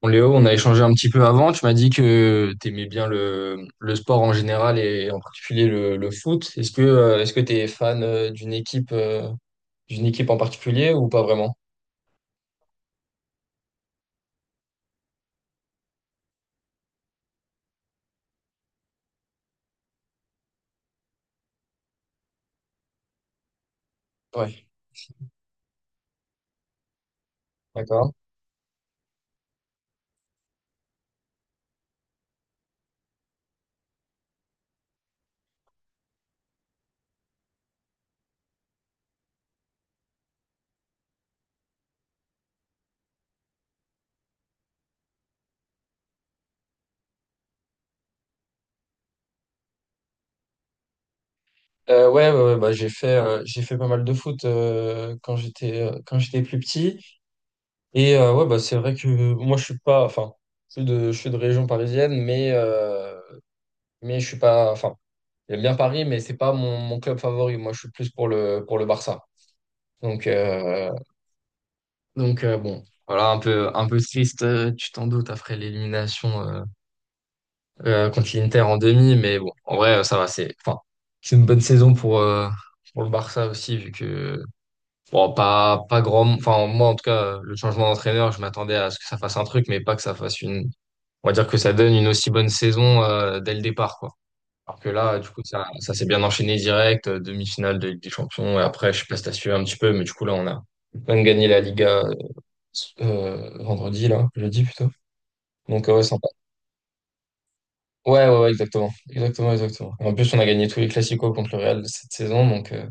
Bon, Léo, on a échangé un petit peu avant. Tu m'as dit que tu aimais bien le sport en général et en particulier le foot. Est-ce que tu es fan d'une équipe en particulier ou pas vraiment? Ouais. D'accord. Ouais, ouais, ouais, bah, j'ai fait pas mal de foot quand j'étais plus petit. Ouais, bah c'est vrai que moi je suis pas, enfin, je suis de région parisienne, mais je suis pas, enfin, j'aime bien Paris, mais c'est pas mon club favori. Moi, je suis plus pour le Barça. Donc euh, bon, voilà, un peu triste, tu t'en doutes, après l'élimination contre l'Inter en demi, mais bon, en vrai, ça va, c'est, enfin, c'est une bonne saison pour le Barça aussi, vu que, bon, pas grand, enfin, moi, en tout cas, le changement d'entraîneur, je m'attendais à ce que ça fasse un truc, mais pas que ça fasse une, on va dire que ça donne une aussi bonne saison dès le départ, quoi. Alors que là, du coup, ça s'est bien enchaîné direct, demi-finale de Ligue des Champions, et après, je sais pas si t'as suivi un petit peu, mais du coup, là, on a même gagné la Liga vendredi, là, jeudi plutôt. Donc, ouais, sympa. Ouais, ouais, ouais, exactement. Exactement, exactement. En plus, on a gagné tous les Clasico contre le Real cette saison, donc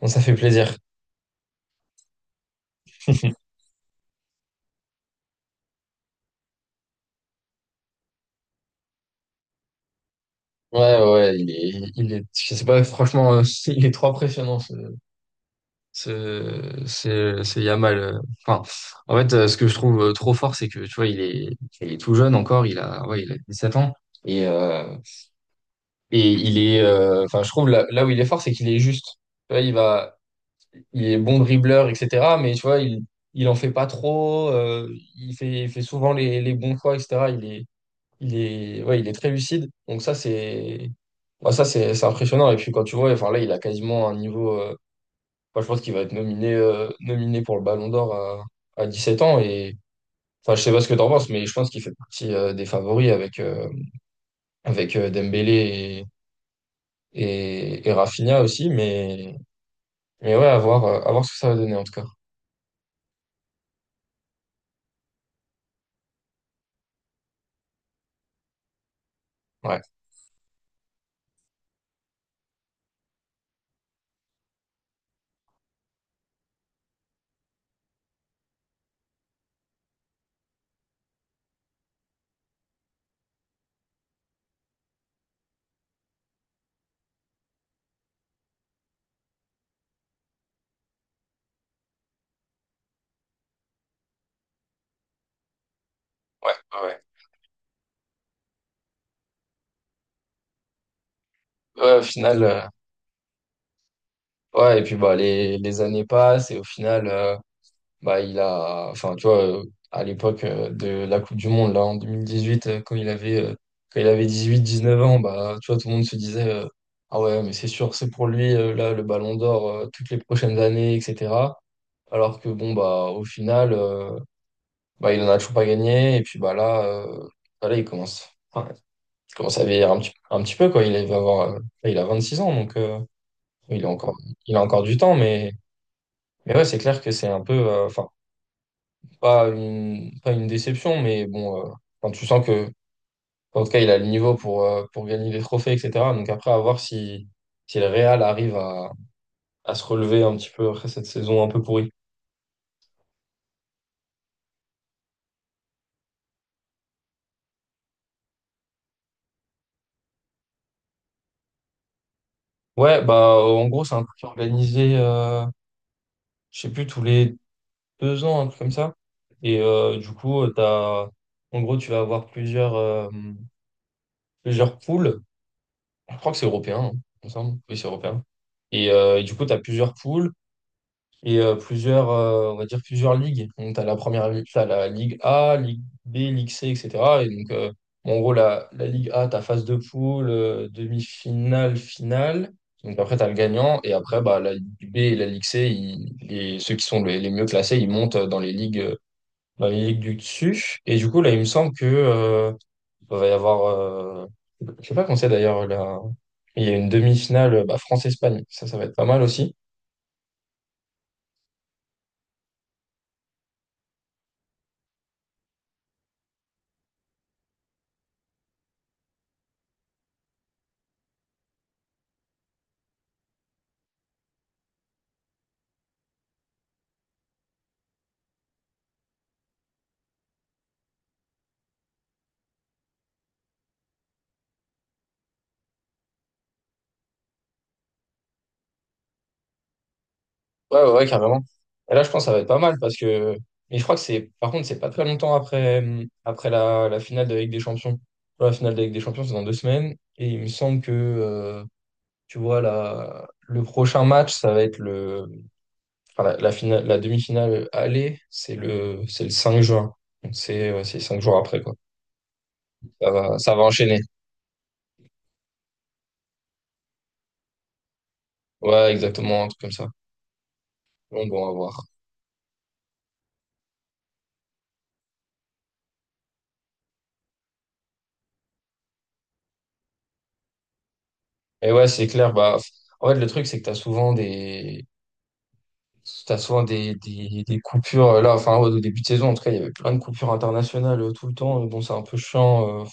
bon, ça fait plaisir. Ouais, ouais, je sais pas, franchement, il est trop impressionnant, ce Yamal. Enfin, en fait, ce que je trouve trop fort, c'est que, tu vois, il est tout jeune encore, il a, ouais, il a 7 ans. Et, il est, enfin, je trouve là où il est fort, c'est qu'il est juste. Tu vois, il est bon dribbleur, etc. Mais tu vois, il en fait pas trop. Il fait souvent les bons choix, etc. Il est, ouais, il est très lucide. Donc ça, c'est, bah, ça, c'est impressionnant. Et puis quand tu vois, enfin là, il a quasiment un niveau. Enfin, je pense qu'il va être nominé, nominé pour le Ballon d'Or à 17 ans. Et, enfin, je sais pas ce que t'en penses, mais je pense qu'il fait partie des favoris avec Dembélé et Rafinha aussi. Mais ouais, à voir, à voir ce que ça va donner en tout cas. Ouais. Ouais, ouais. Ouais, au final, ouais, et puis bah les années passent et au final, bah il a, enfin tu vois, à l'époque de la Coupe du Monde, là en 2018, quand il avait 18-19 ans, bah tu vois, tout le monde se disait, ah ouais, mais c'est sûr, c'est pour lui, là, le Ballon d'Or, toutes les prochaines années, etc. Alors que bon, bah au final, bah il en a toujours pas gagné et puis bah, là, il commence, enfin, il commence à vieillir un petit peu, quoi, il a 26 ans, donc. Il a encore, il a encore du temps, mais ouais, c'est clair que c'est un peu, enfin, pas une déception, mais bon, enfin, tu sens que, en tout cas, il a le niveau pour gagner des trophées, etc. Donc après, à voir si le Real arrive à se relever un petit peu après cette saison un peu pourrie. Ouais, bah, en gros, c'est un truc organisé, je sais plus, tous les 2 ans, un truc comme ça. Du coup, t'as, en gros, tu vas avoir plusieurs, plusieurs poules. Je crois que c'est européen, hein, il me semble. Oui, c'est européen. Et du coup, tu as plusieurs poules et on va dire plusieurs ligues. Donc, tu as t'as la Ligue A, Ligue B, Ligue C, etc. Et donc, euh, bon, en gros, la Ligue A, tu as phase de poule, demi-finale, finale. Donc, après, tu as le gagnant. Et après, bah, la Ligue B et la Ligue C, ceux qui sont les mieux classés, ils montent dans les ligues du dessus. Et du coup, là, il me semble que, il va y avoir, je sais pas quand c'est d'ailleurs, là. Il y a une demi-finale, bah, France-Espagne. Ça va être pas mal aussi. Ouais, ouais, ouais, carrément. Et là, je pense que ça va être pas mal parce que. Mais je crois que c'est. Par contre, c'est pas très longtemps après, après la finale de la Ligue des Champions. La finale de la Ligue des Champions, c'est dans 2 semaines. Et il me semble que, tu vois, le prochain match, ça va être le. Enfin, la demi-finale aller, c'est le 5 juin. Donc, C'est ouais, c'est 5 jours après, quoi. Ça va enchaîner. Ouais, exactement, un truc comme ça. Bon, bon, à voir. Et ouais, c'est clair. Bah, en fait, le truc, c'est que t'as souvent des coupures. Là, enfin, ouais, au début de saison, en tout cas, il y avait plein de coupures internationales tout le temps. Bon, c'est un peu chiant.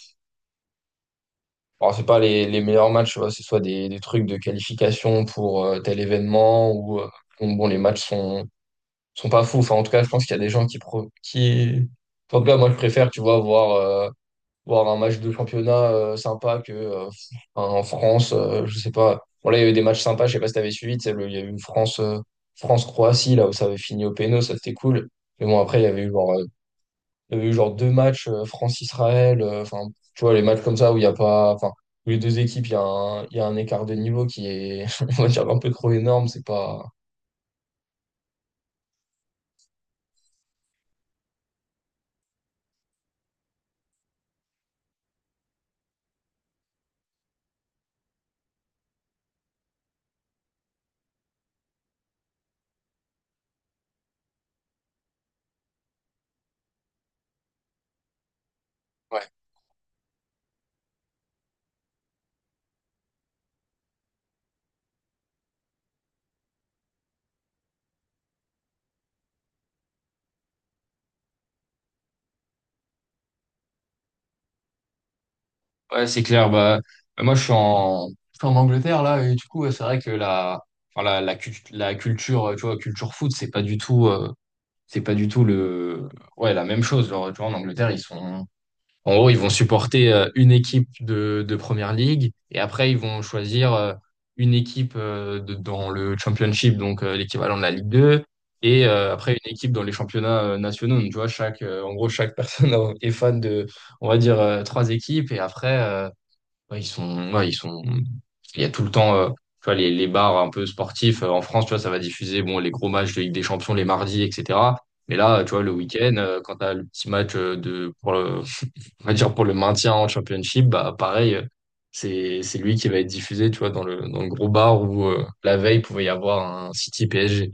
Alors, c'est pas les meilleurs matchs, tu vois. C'est soit des trucs de qualification pour tel événement ou, bon, bon, les matchs sont pas fous. Enfin, en tout cas, je pense qu'il y a des gens qui, en tout cas, moi, je préfère, tu vois, voir un match de championnat sympa que en France, je sais pas. Bon là, il y avait des matchs sympas, je sais pas si t'avais suivi, tu sais, il y a eu France-Croatie là où ça avait fini au péno, ça c'était cool. Mais bon après il y avait eu genre 2 matchs France-Israël, enfin, tu vois, les matchs comme ça où il y a pas, enfin, où les deux équipes, il y a un écart de niveau qui est on va dire un peu trop énorme, c'est pas. Ouais. Ouais, c'est clair. Bah, moi, je suis en Angleterre, là, et du coup, ouais, c'est vrai que enfin, la culture, tu vois, culture foot, c'est pas du tout, c'est pas du tout le, ouais, la même chose. Genre, tu vois, en Angleterre, en gros, ils vont supporter une équipe de Première League, et après, ils vont choisir une équipe dans le Championship, donc l'équivalent de la Ligue 2, et après, une équipe dans les championnats nationaux. Donc, tu vois, en gros, chaque personne est fan de, on va dire, 3 équipes, et après, ouais, ils sont, ouais, ils sont. Il y a tout le temps, tu vois, les bars un peu sportifs en France, tu vois, ça va diffuser bon les gros matchs de Ligue des Champions les mardis, etc. Mais là, tu vois, le week-end, quand t'as le petit match on va dire pour le maintien en Championship, bah pareil, c'est lui qui va être diffusé, tu vois, dans le gros bar où la veille pouvait y avoir un City PSG.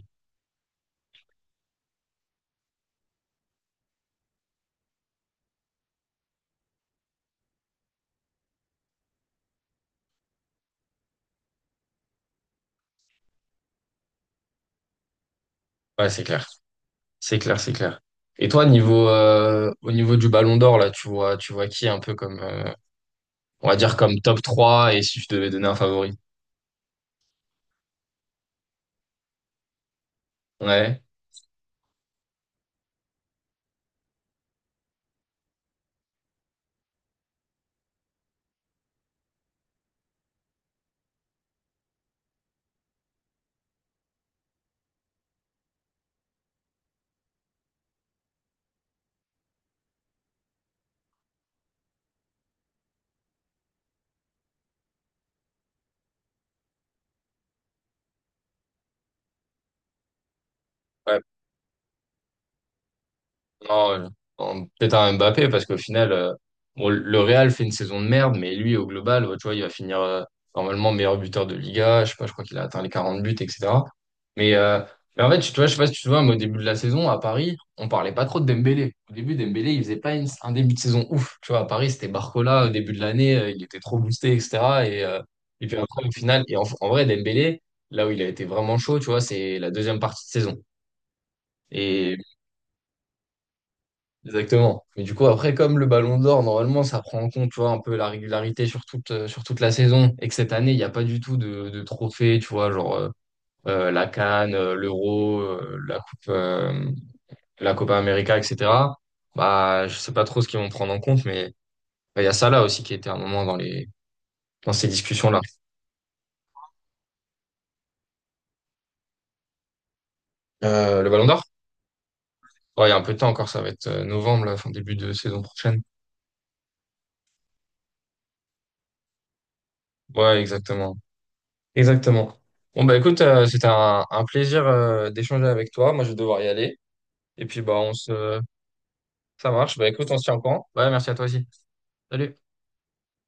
Ouais, c'est clair, c'est clair, c'est clair. Et toi, niveau au niveau du Ballon d'Or, là, tu vois qui un peu comme on va dire comme top 3 et si je devais donner un favori. Ouais. Ouais, non, en peut-être un Mbappé, parce qu'au final, bon, le Real fait une saison de merde, mais lui, au global, bah, tu vois, il va finir normalement meilleur buteur de Liga. Je sais pas, je crois qu'il a atteint les 40 buts, etc. Mais, euh, mais, en fait, tu vois, je sais pas si tu te vois, mais au début de la saison, à Paris, on parlait pas trop de Dembélé. Au début, Dembélé, il faisait pas un début de saison ouf. Tu vois, à Paris, c'était Barcola au début de l'année, il était trop boosté, etc. Et, euh, et puis après, au final, et en vrai, Dembélé, là où il a été vraiment chaud, tu vois, c'est la deuxième partie de saison. Et Exactement. Mais du coup, après, comme le Ballon d'Or, normalement, ça prend en compte, tu vois, un peu la régularité sur toute la saison. Et que cette année, il n'y a pas du tout de trophée, tu vois, genre la CAN, l'Euro, la Coupe, la Copa América, etc. Bah, je sais pas trop ce qu'ils vont prendre en compte, mais bah, il y a ça là aussi qui était un moment dans ces discussions-là. Le Ballon d'Or? Ouais, il y a un peu de temps encore, ça va être novembre, là, fin début de saison prochaine. Ouais, exactement. Exactement. Bon, bah, écoute, c'était un plaisir d'échanger avec toi. Moi je vais devoir y aller. Et puis bah on se, ça marche. Bah écoute, on se tient au courant. Ouais, merci à toi aussi. Salut.